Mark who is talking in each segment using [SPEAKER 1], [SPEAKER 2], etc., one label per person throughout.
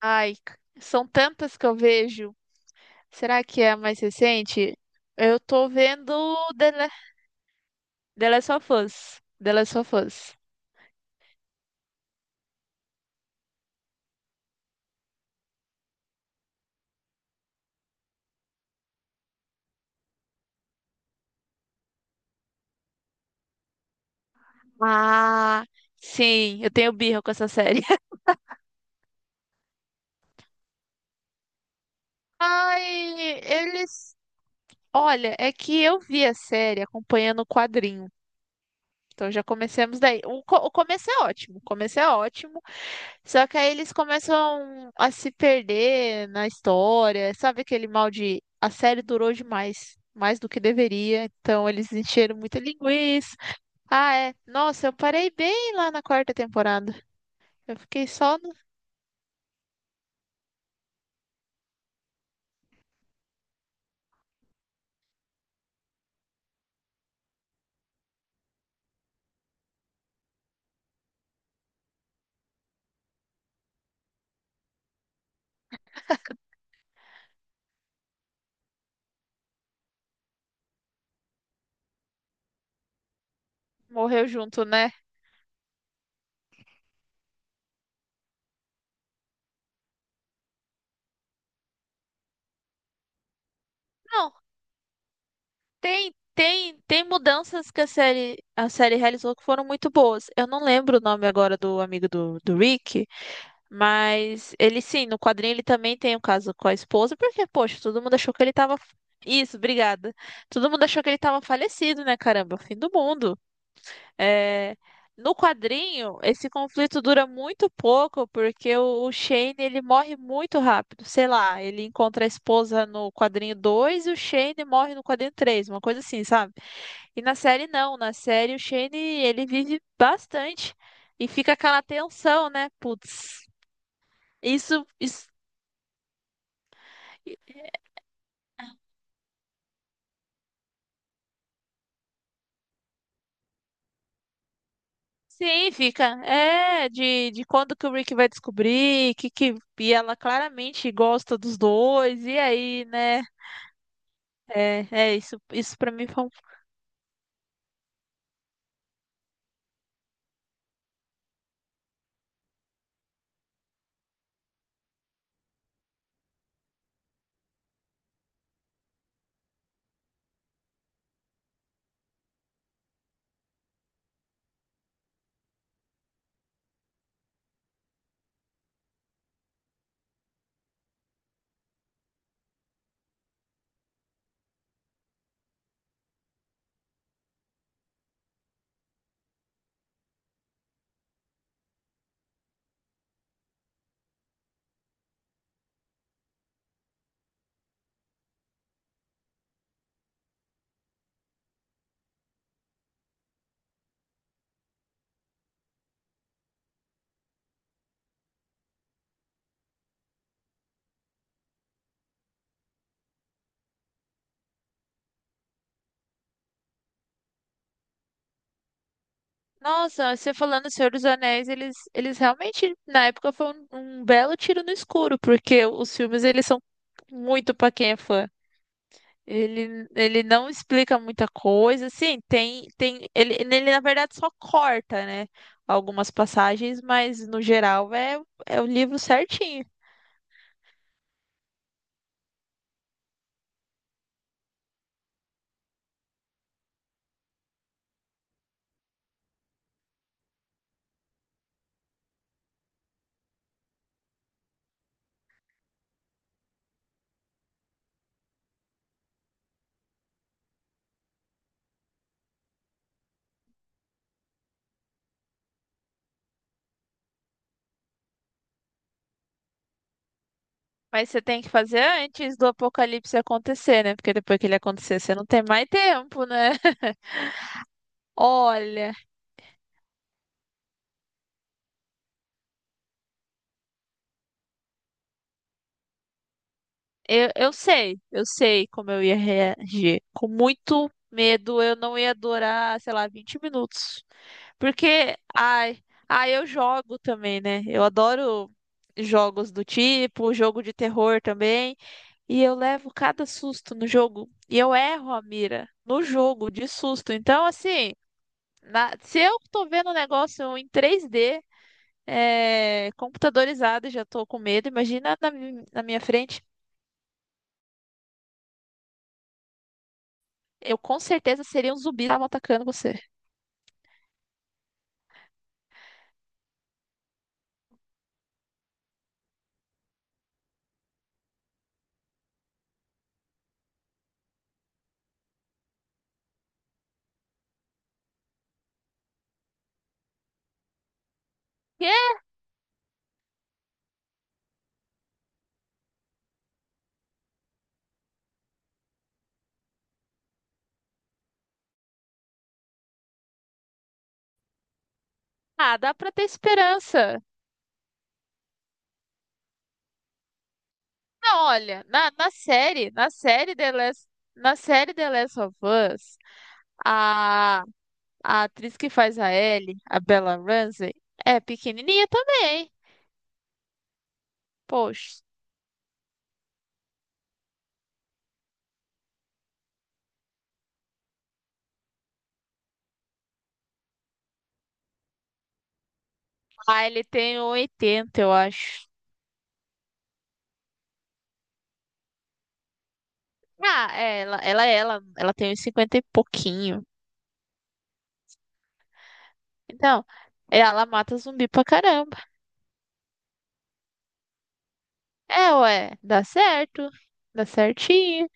[SPEAKER 1] Ai, são tantas que eu vejo. Será que é a mais recente? Eu tô vendo The, Le- The Last of Us. The Last of Us. Ah, sim, eu tenho birra com essa série. Ai, eles. Olha, é que eu vi a série acompanhando o quadrinho. Então já começamos daí. O começo é ótimo, o começo é ótimo. Só que aí eles começam a se perder na história. Sabe aquele mal de a série durou demais, mais do que deveria. Então eles encheram muita linguiça. Ah, é. Nossa, eu parei bem lá na quarta temporada. Eu fiquei só no. Morreu junto, né? Não, tem mudanças que a série realizou que foram muito boas. Eu não lembro o nome agora do amigo do Rick. Mas ele sim, no quadrinho ele também tem um caso com a esposa, porque, poxa, todo mundo achou que ele tava. Isso, obrigada. Todo mundo achou que ele tava falecido, né? Caramba, fim do mundo. É, no quadrinho, esse conflito dura muito pouco, porque o Shane ele morre muito rápido. Sei lá, ele encontra a esposa no quadrinho 2 e o Shane morre no quadrinho três, uma coisa assim, sabe? E na série não, na série o Shane ele vive bastante e fica aquela tensão, né? Putz. Isso, isso. Sim, fica. É, de quando que o Rick vai descobrir, que e ela claramente gosta dos dois, e aí, né? É, isso para mim foi um. Nossa, você falando Senhor dos Anéis, eles realmente, na época, foi um belo tiro no escuro, porque os filmes, eles são muito pra quem é fã. Ele não explica muita coisa, assim, ele na verdade só corta, né, algumas passagens, mas no geral é o livro certinho. Mas você tem que fazer antes do apocalipse acontecer, né, porque depois que ele acontecer você não tem mais tempo, né? Olha. Eu sei, como eu ia reagir. Com muito medo, eu não ia durar, sei lá, 20 minutos. Porque, ai, ai, eu jogo também, né? Eu adoro jogos do tipo, jogo de terror também. E eu levo cada susto no jogo. E eu erro a mira no jogo de susto. Então, assim, se eu tô vendo um negócio em 3D, computadorizado, e já tô com medo. Imagina na minha frente. Eu com certeza seria um zumbi que estavam atacando você. Que? Ah, dá pra ter esperança. Não, olha, na série The Last of Us, a, a atriz que faz a Ellie, a Bella Ramsey, é pequenininha também. Poxa. Ah, ele tem 1,80, eu acho. Ah, é, ela tem uns 50 e pouquinho. Então, ela mata zumbi pra caramba. É, ué, dá certo, dá certinho.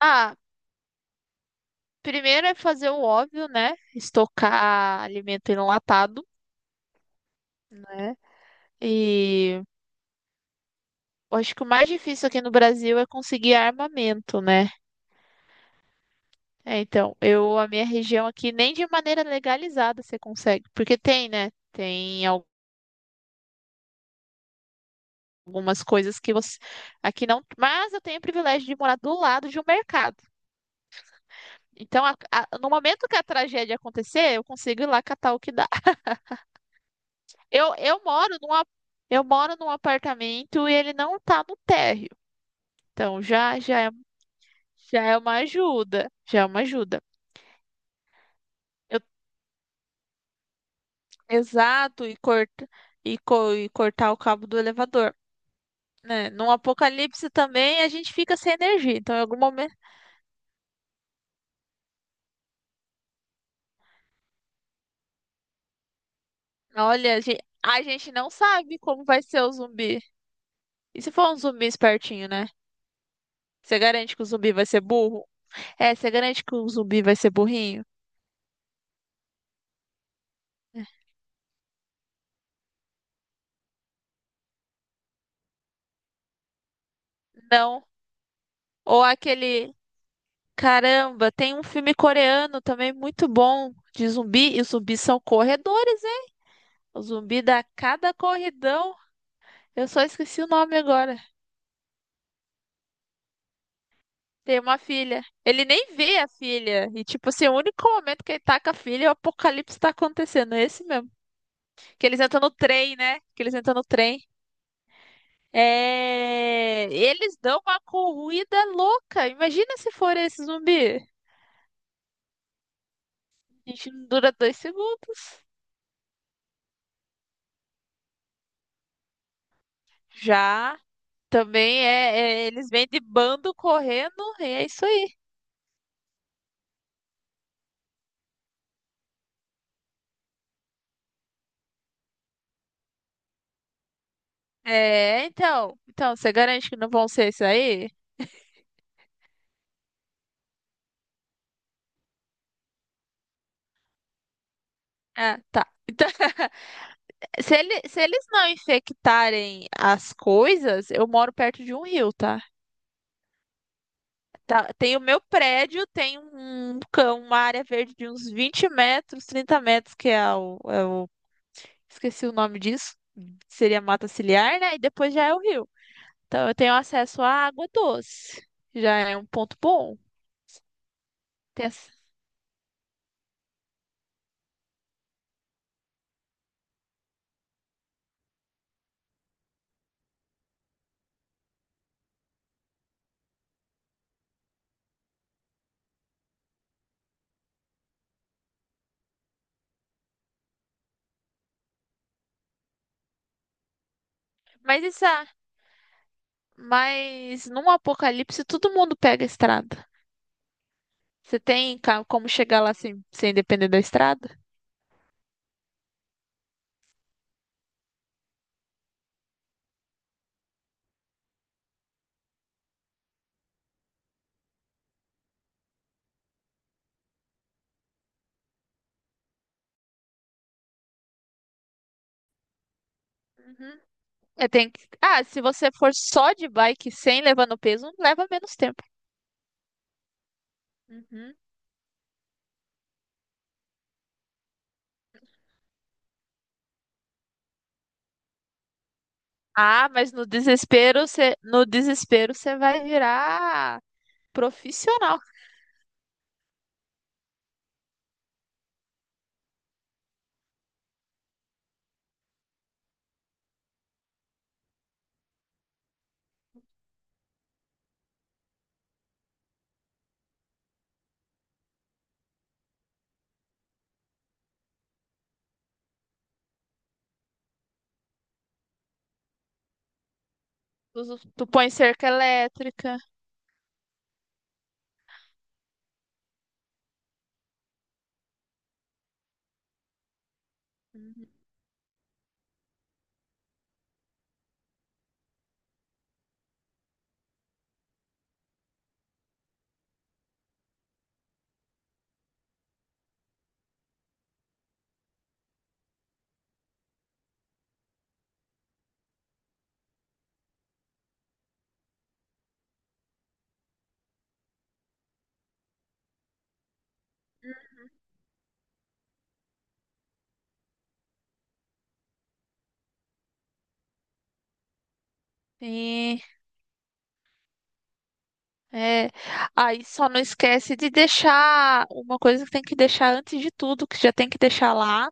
[SPEAKER 1] Ah, primeiro é fazer o óbvio, né? Estocar alimento enlatado, né? E eu acho que o mais difícil aqui no Brasil é conseguir armamento, né? É, então, eu, a minha região aqui, nem de maneira legalizada você consegue, porque tem, né? Tem algumas coisas que você aqui não, mas eu tenho o privilégio de morar do lado de um mercado. Então, no momento que a tragédia acontecer, eu consigo ir lá catar o que dá. Eu, eu moro num, a- eu moro num apartamento e ele não tá no térreo. Então já é, já é uma ajuda, já é uma ajuda. Eu- Exato, e e cortar o cabo do elevador, né? Num apocalipse também a gente fica sem energia. Então em algum momento, olha, a gente não sabe como vai ser o zumbi. E se for um zumbi espertinho, né? Você garante que o zumbi vai ser burro? É, você garante que o zumbi vai ser burrinho? Não. Ou aquele Caramba, tem um filme coreano também muito bom de zumbi, e os zumbis são corredores, hein? O zumbi dá cada corridão. Eu só esqueci o nome agora. Tem uma filha. Ele nem vê a filha. E, tipo assim, o único momento que ele tá com a filha, é o apocalipse tá acontecendo. É esse mesmo. Que eles entram no trem, né? Que eles entram no trem. É. Eles dão uma corrida louca. Imagina se for esse zumbi. A gente não dura 2 segundos. Já também é, eles vêm de bando correndo e é isso aí. É, então você garante que não vão ser isso aí? Ah, tá. Então, se eles não infectarem as coisas, eu moro perto de um rio, tá? Tá, tem o meu prédio, tem um cão, uma área verde de uns 20 metros, 30 metros, que esqueci o nome disso, seria mata ciliar, né? E depois já é o rio. Então eu tenho acesso à água doce. Já é um ponto bom. Mas isso é. Mas num apocalipse todo mundo pega a estrada. Você tem como chegar lá sem, depender da estrada? Uhum. Eu tenho que. Ah, se você for só de bike sem levar no peso, leva menos tempo. Uhum. Ah, mas no desespero você vai virar profissional. Tu, tu põe cerca elétrica. Uhum. Sim. É, aí só não esquece de deixar uma coisa que tem que deixar antes de tudo, que já tem que deixar lá,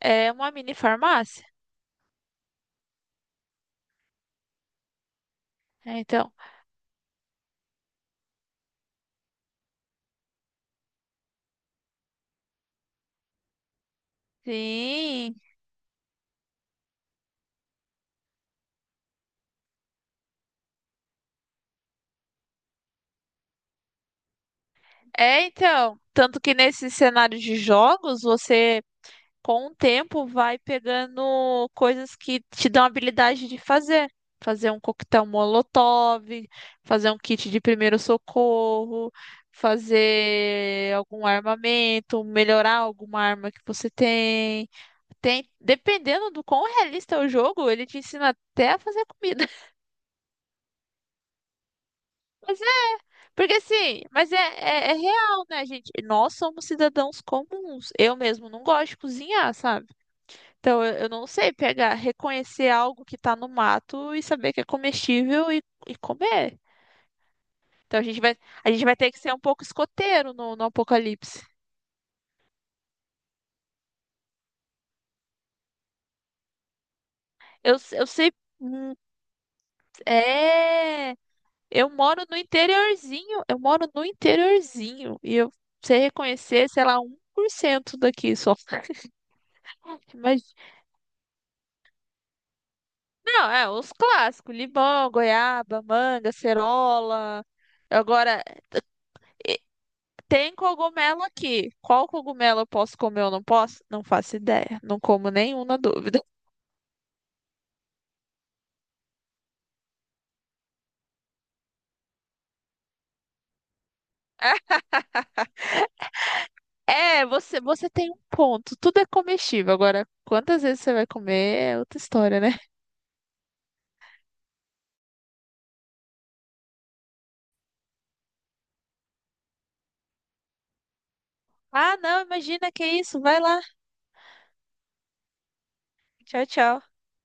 [SPEAKER 1] é uma mini farmácia. É, então, sim. É, então, tanto que nesse cenário de jogos, você com o tempo vai pegando coisas que te dão habilidade de fazer. Fazer um coquetel molotov, fazer um kit de primeiro socorro, fazer algum armamento, melhorar alguma arma que você tem. Tem, dependendo do quão realista é o jogo, ele te ensina até a fazer comida. Mas é, porque assim, é real, né, gente? Nós somos cidadãos comuns. Eu mesmo não gosto de cozinhar, sabe? Então eu não sei pegar, reconhecer algo que tá no mato e saber que é comestível e comer. Então a gente vai ter que ser um pouco escoteiro no apocalipse. Eu sei. Hum. É. Eu moro no interiorzinho, eu moro no interiorzinho. E eu sei reconhecer, sei lá, 1% daqui só. Mas, não, é, os clássicos: limão, goiaba, manga, cerola. Agora, tem cogumelo aqui. Qual cogumelo eu posso comer ou não posso? Não faço ideia. Não como nenhum na dúvida. É, você tem um ponto. Tudo é comestível. Agora, quantas vezes você vai comer é outra história, né? Ah, não, imagina que isso. Vai lá. Tchau, tchau.